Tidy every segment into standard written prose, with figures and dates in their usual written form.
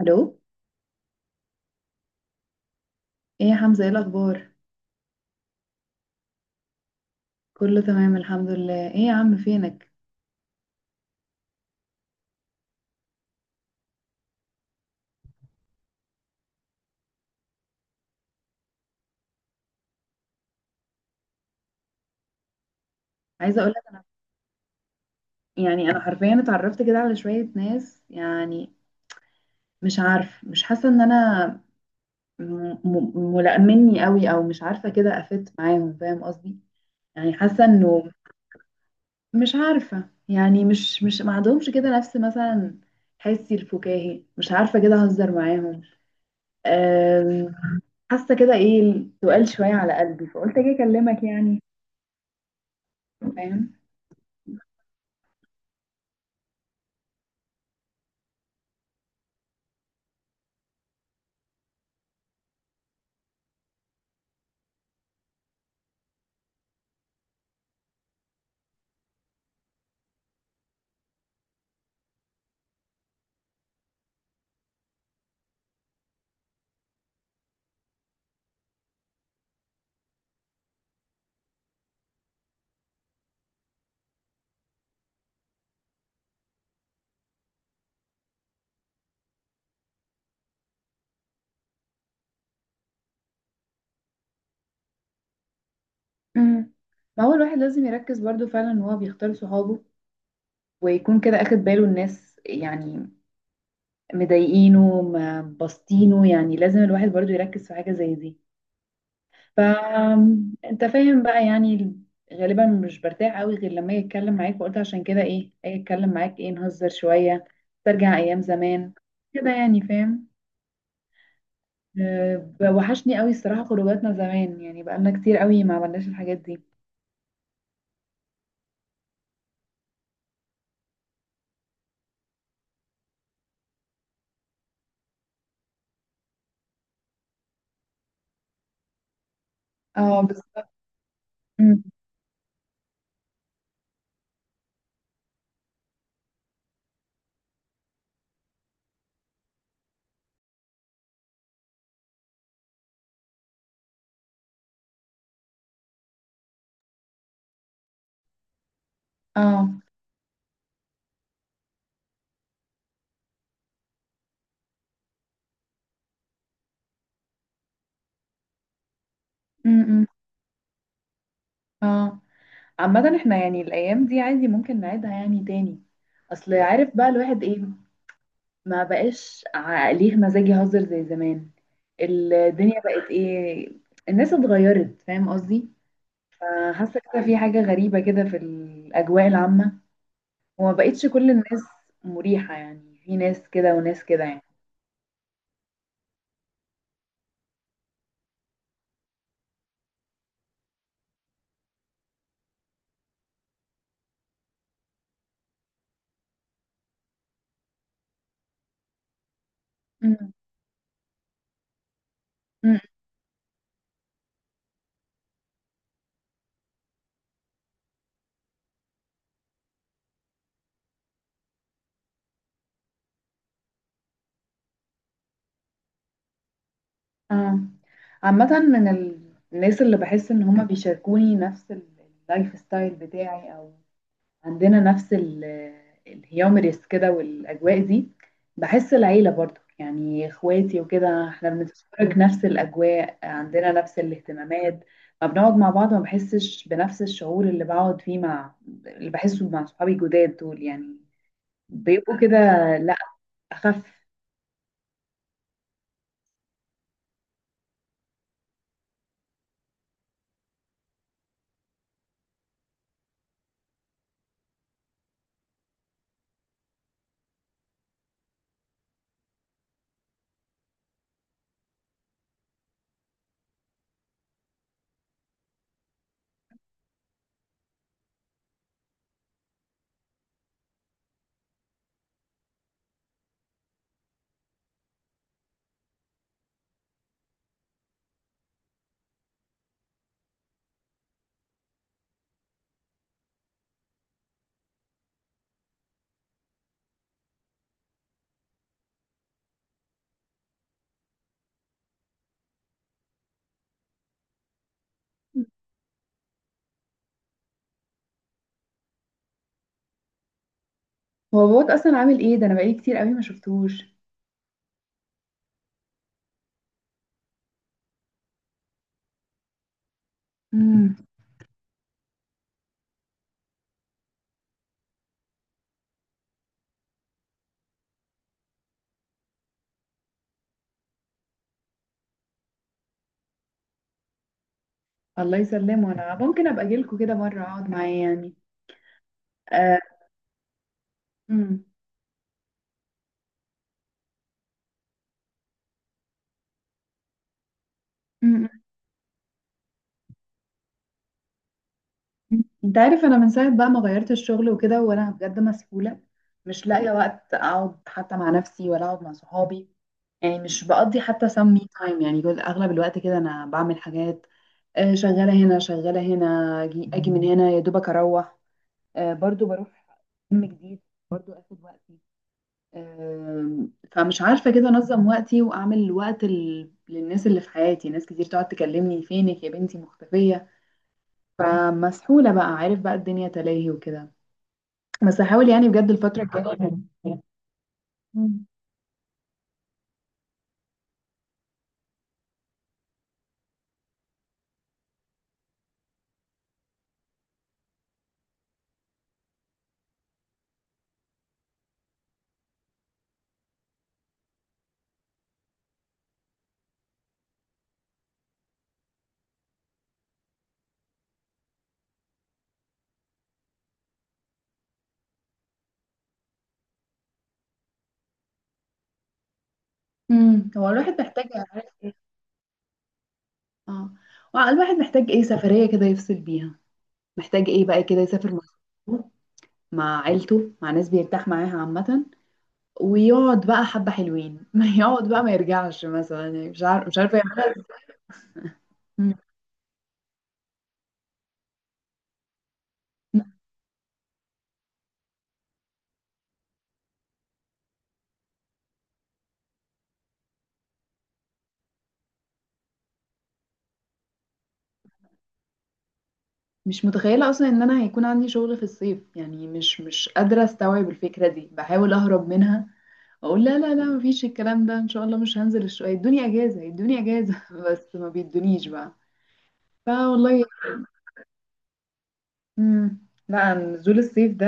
الو. ايه يا حمزه، ايه الاخبار؟ كله تمام الحمد لله. ايه يا عم، فينك؟ عايزه اقول لك انا، يعني انا حرفيا اتعرفت كده على شويه ناس، يعني مش عارف، مش حاسه ان انا ملائمني قوي، او مش عارفه كده افت معاهم، فاهم قصدي؟ يعني حاسه انه، مش عارفه، يعني مش ما عندهمش كده نفس مثلا حسي الفكاهي، مش عارفه كده اهزر معاهم. أم، حاسه كده ايه سؤال شويه على قلبي، فقلت اجي اكلمك يعني، فاهم؟ امم ما هو الواحد لازم يركز برضو فعلا ان هو بيختار صحابه، ويكون كده اخد باله الناس يعني مضايقينه ما بسطينه. يعني لازم الواحد برضو يركز في حاجة زي دي. ف انت فاهم بقى يعني، غالبا مش برتاح قوي غير لما اجي اتكلم معاك، وقلت عشان كده ايه اجي اتكلم معاك، ايه نهزر شوية، ترجع ايام زمان كده يعني، فاهم؟ وحشني قوي الصراحة خروجاتنا زمان، يعني بقالنا كتير قوي ما عملناش الحاجات دي. اه بالظبط. أمم. اه. أمم، أمم. اه، عامة احنا يعني الأيام دي عادي ممكن نعيدها يعني تاني. أصل عارف بقى الواحد ايه، ما بقاش ليه مزاج يهزر زي زمان. الدنيا بقت ايه، الناس اتغيرت، فاهم قصدي؟ فحاسة كده في حاجة غريبة كده في الأجواء العامة، وما بقتش كل الناس مريحة. يعني في ناس كده وناس كده يعني. مم. مم. اه، عامة من الناس اللي بحس ان هما بيشاركوني نفس اللايف ستايل بتاعي، او عندنا نفس الهيومريس كده والأجواء دي. بحس العيلة برضو يعني اخواتي وكده، احنا بنتشارك نفس الأجواء، عندنا نفس الاهتمامات. ما بنقعد مع بعض ما بحسش بنفس الشعور اللي بقعد فيه مع، اللي بحسه مع صحابي الجداد دول يعني، بيبقوا كده لا، أخف. هو باباك أصلا عامل ايه ده؟ أنا بقالي كتير قوي ما شفتوش. مم. الله يسلمه. أنا ممكن أبقى أجيلكوا كده مرة أقعد معاه يعني. آه. مم. انت عارف انا من ساعه بقى ما غيرت الشغل وكده، وانا بجد مسحوله، مش لاقيه وقت اقعد حتى مع نفسي ولا اقعد مع صحابي. يعني مش بقضي حتى سم مي تايم، يعني جزء اغلب الوقت كده انا بعمل حاجات. شغاله هنا، شغاله هنا، اجي من هنا يا دوبك اروح. برضو بروح جيم جديد، برضو اخد وقتي. فمش عارفه كده انظم وقتي واعمل وقت للناس اللي في حياتي. ناس كتير تقعد تكلمني فينك يا بنتي مختفيه، فمسحولة بقى، عارف بقى الدنيا تلاهي وكده. بس هحاول يعني بجد الفترة الجاية. مم. مم. هو الواحد محتاج عارف ايه، اه، الواحد محتاج ايه سفرية كده يفصل بيها، محتاج ايه بقى كده يسافر مع صحابه، مع عيلته، مع ناس بيرتاح معاها عامة، ويقعد بقى حبة حلوين ما يقعد بقى ما يرجعش مثلا، يعني مش عارف، مش عارفة يعملها. مم. مش متخيلة أصلا إن أنا هيكون عندي شغل في الصيف، يعني مش قادرة أستوعب الفكرة دي، بحاول أهرب منها. اقول لا لا لا، مفيش الكلام ده ان شاء الله، مش هنزل الشقه، يدوني اجازه، يدوني اجازه بس ما بيدونيش بقى. فوالله. امم. لا، نزول الصيف ده،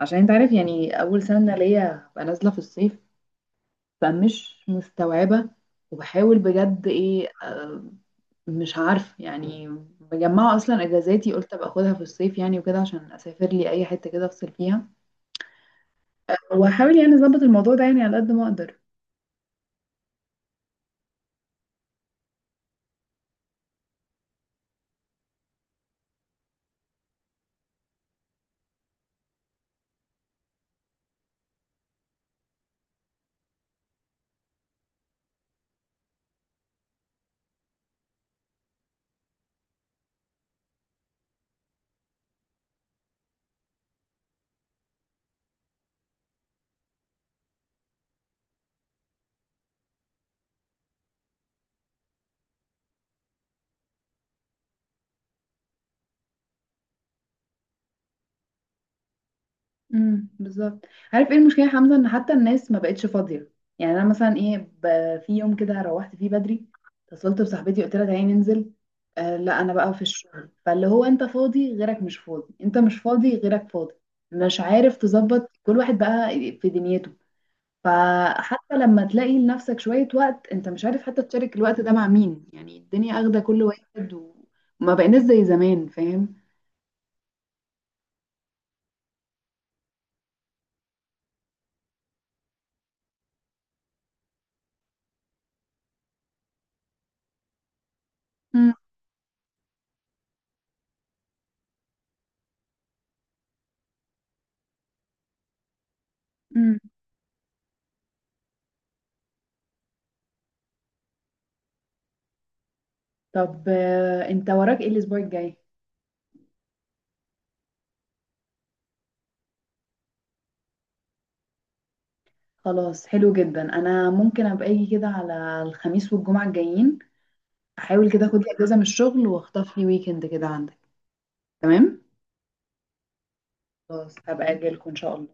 عشان انت عارف يعني اول سنه ليا ببقى نازله في الصيف، فمش مستوعبه. وبحاول بجد ايه، مش عارفه يعني. مجمعه اصلا اجازاتي، قلت ابقى اخدها في الصيف يعني وكده، عشان اسافر لي اي حته كده افصل فيها. واحاول يعني اظبط الموضوع ده يعني على قد ما اقدر. امم، بالظبط. عارف ايه المشكله يا حمزه؟ ان حتى الناس ما بقتش فاضيه. يعني انا مثلا ايه، في يوم كده روحت فيه بدري، اتصلت بصاحبتي قلت لها تعالي ننزل، آه لا انا بقى في الشغل. فاللي هو انت فاضي غيرك مش فاضي، انت مش فاضي غيرك فاضي، مش عارف تظبط كل واحد بقى في دنيته. فحتى لما تلاقي لنفسك شويه وقت، انت مش عارف حتى تشارك الوقت ده مع مين، يعني الدنيا اخده كل واحد، وما بقيناش زي زمان، فاهم؟ امم. طب انت وراك ايه الاسبوع الجاي؟ خلاص حلو جدا، انا ممكن ابقى اجي كده على الخميس والجمعة الجايين، احاول كده اخد لي اجازة من الشغل واخطف لي ويكند كده عندك. تمام. خلاص هبقى اجي لكم ان شاء الله.